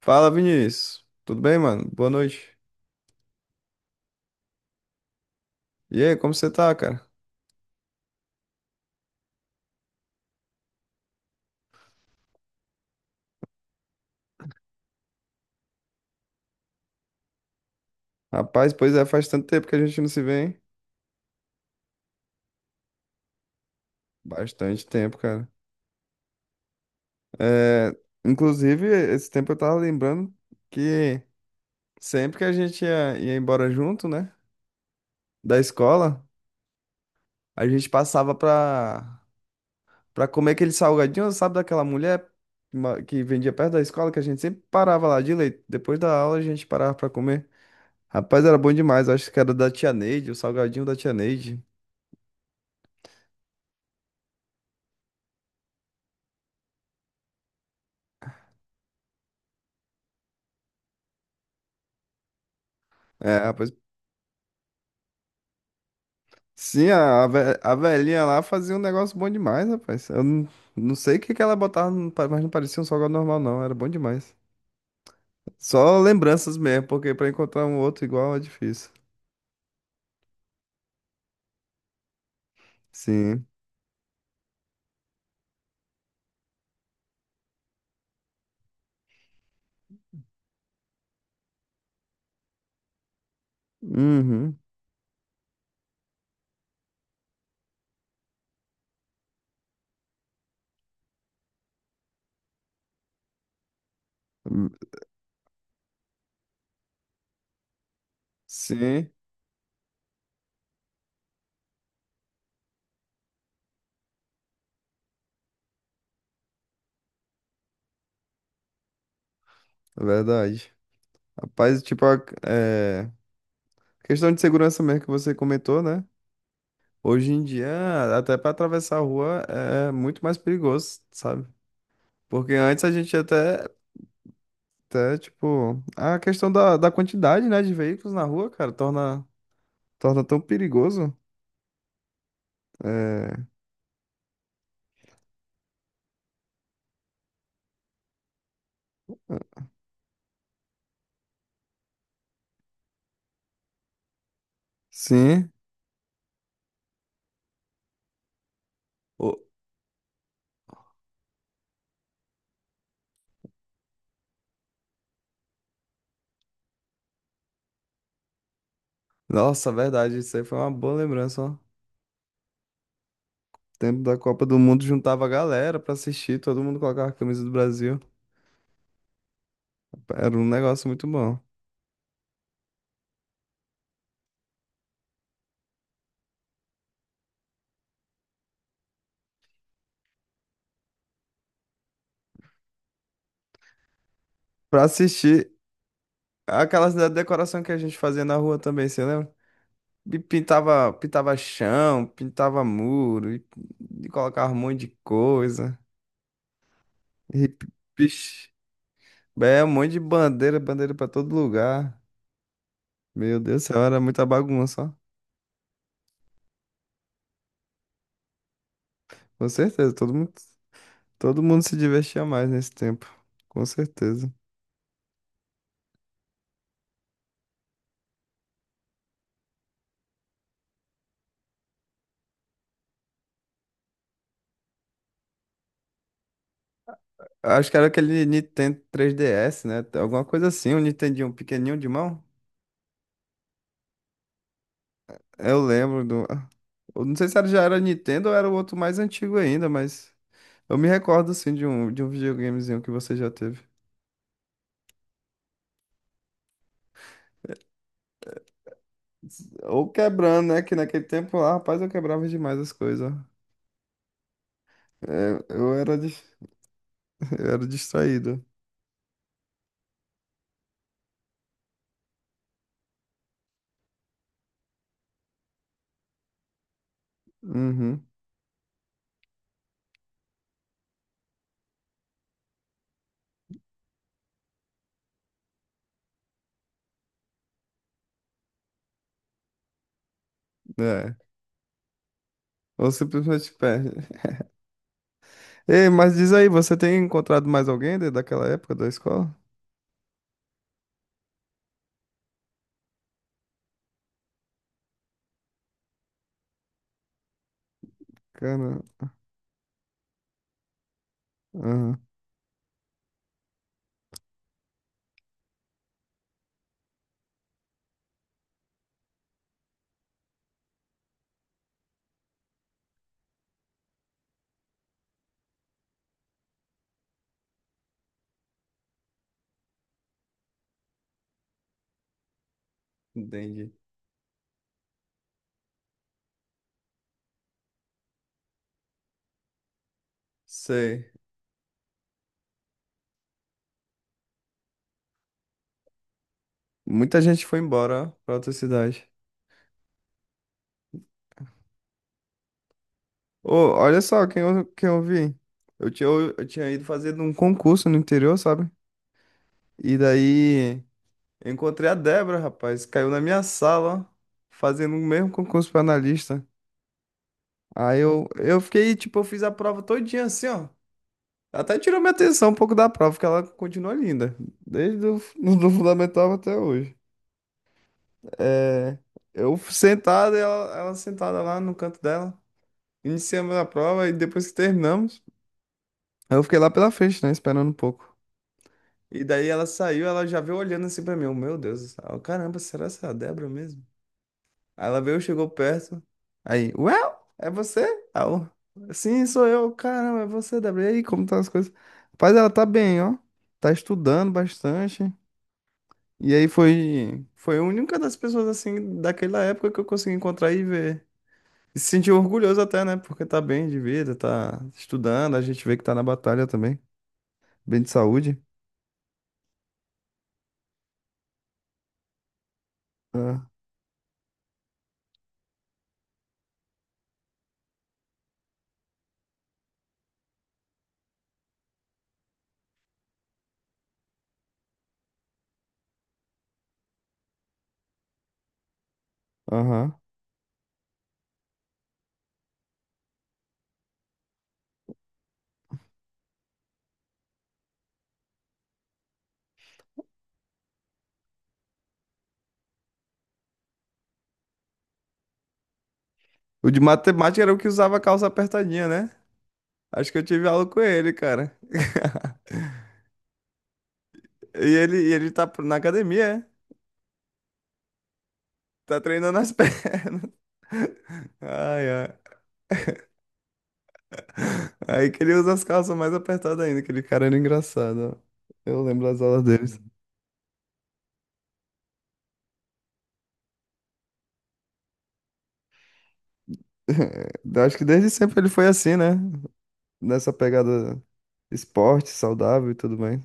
Fala, Vinícius. Tudo bem, mano? Boa noite. E aí, como você tá, cara? Rapaz, pois é, faz tanto tempo que a gente não se vê, hein? Bastante tempo, cara. É, inclusive, esse tempo eu tava lembrando que sempre que a gente ia embora junto, né? Da escola, a gente pra comer aquele salgadinho, sabe, daquela mulher que vendia perto da escola, que a gente sempre parava lá de leite. Depois da aula, a gente parava pra comer. Rapaz, era bom demais. Acho que era da tia Neide, o salgadinho da tia Neide. É, rapaz. Sim, a velhinha lá fazia um negócio bom demais, rapaz. Eu não, não sei o que que ela botava, mas não parecia um salgado normal, não. Era bom demais. Só lembranças mesmo, porque pra encontrar um outro igual é difícil. Sim. Uhum. Sim, é verdade. Rapaz, tipo, é, questão de segurança mesmo que você comentou, né? Hoje em dia, até pra atravessar a rua é muito mais perigoso, sabe? Porque antes a gente até. Até, tipo, a questão da quantidade, né, de veículos na rua, cara, torna tão perigoso. É, sim. O. Nossa, verdade, isso aí foi uma boa lembrança, ó. Tempo da Copa do Mundo juntava a galera pra assistir, todo mundo colocava a camisa do Brasil. Era um negócio muito bom. Pra assistir, aquelas da decoração que a gente fazia na rua também, você lembra? E pintava chão, pintava muro, e colocava um monte de coisa. E. É um monte de bandeira, bandeira pra todo lugar. Meu Deus do céu, era muita bagunça, ó. Com certeza, todo mundo se divertia mais nesse tempo. Com certeza. Acho que era aquele Nintendo 3DS, né? Alguma coisa assim, um Nintendinho pequenininho de mão. Eu lembro do... ah, eu não sei se era, já era Nintendo ou era o outro mais antigo ainda, mas... Eu me recordo, assim, de um videogamezinho que você já teve. Ou quebrando, né? Que naquele tempo lá, rapaz, eu quebrava demais as coisas. É, eu era, dis- eu era distraído. Uhum, é. Ou simplesmente perde. Ei, mas diz aí, você tem encontrado mais alguém daquela época da escola? Cara, aham, entendi. Sei. Muita gente foi embora pra outra cidade. Ô, olha só quem eu vi. Eu tinha ido fazer um concurso no interior, sabe? E daí eu encontrei a Débora, rapaz. Caiu na minha sala, fazendo o mesmo concurso pra analista. Eu fiquei, tipo, eu fiz a prova todinha assim, ó. Até tirou minha atenção um pouco da prova, porque ela continua linda. Desde o do fundamental até hoje. É, eu sentado, ela sentada lá no canto dela. Iniciamos a prova e depois que terminamos, eu fiquei lá pela frente, né? Esperando um pouco. E daí ela saiu, ela já veio olhando assim pra mim. Eu, Meu Deus, eu, caramba, será essa Débora mesmo? Aí ela veio, chegou perto. Aí, well, é você? Aí eu, Sim, sou eu. Caramba, é você, Débora. E aí, como estão as coisas? Rapaz, ela tá bem, ó. Tá estudando bastante. E aí foi a única das pessoas assim daquela época que eu consegui encontrar e ver. E se sentir orgulhoso até, né? Porque tá bem de vida, tá estudando, a gente vê que tá na batalha também, bem de saúde. Ah, aham. O de matemática era o que usava calça apertadinha, né? Acho que eu tive aula com ele, cara. E ele tá na academia, é? Tá treinando as pernas. Ai, ai. Aí que ele usa as calças mais apertadas ainda, aquele cara era engraçado, ó. Eu lembro das aulas dele. Acho que desde sempre ele foi assim, né? Nessa pegada esporte, saudável e tudo bem.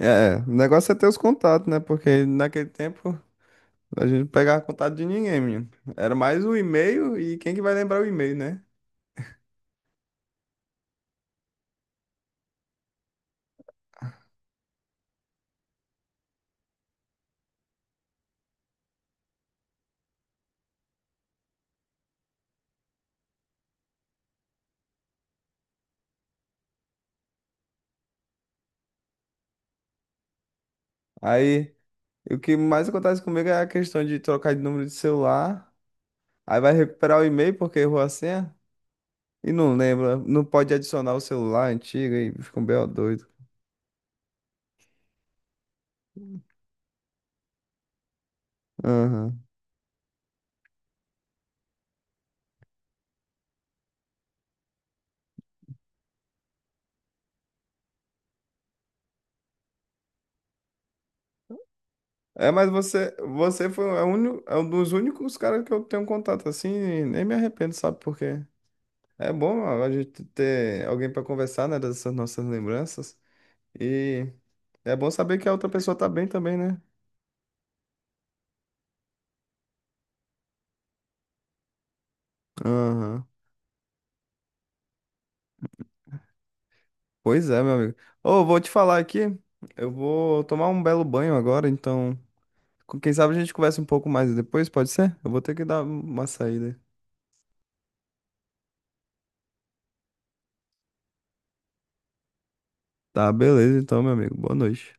É, o negócio é ter os contatos, né? Porque naquele tempo a gente não pegava contato de ninguém, menino. Era mais o e-mail e quem que vai lembrar o e-mail, né? Aí o que mais acontece comigo é a questão de trocar de número de celular. Aí vai recuperar o e-mail porque errou a senha e não lembra. Não pode adicionar o celular antigo e fica um BO doido. É, mas você foi é o único, é um dos únicos caras que eu tenho contato assim, e nem me arrependo, sabe por quê? É bom a gente ter alguém para conversar, né, dessas nossas lembranças. E é bom saber que a outra pessoa tá bem também, né? Aham. Pois é, meu amigo. Ô, vou te falar aqui, eu vou tomar um belo banho agora, então, quem sabe a gente conversa um pouco mais depois, pode ser? Eu vou ter que dar uma saída. Tá, beleza, então, meu amigo. Boa noite.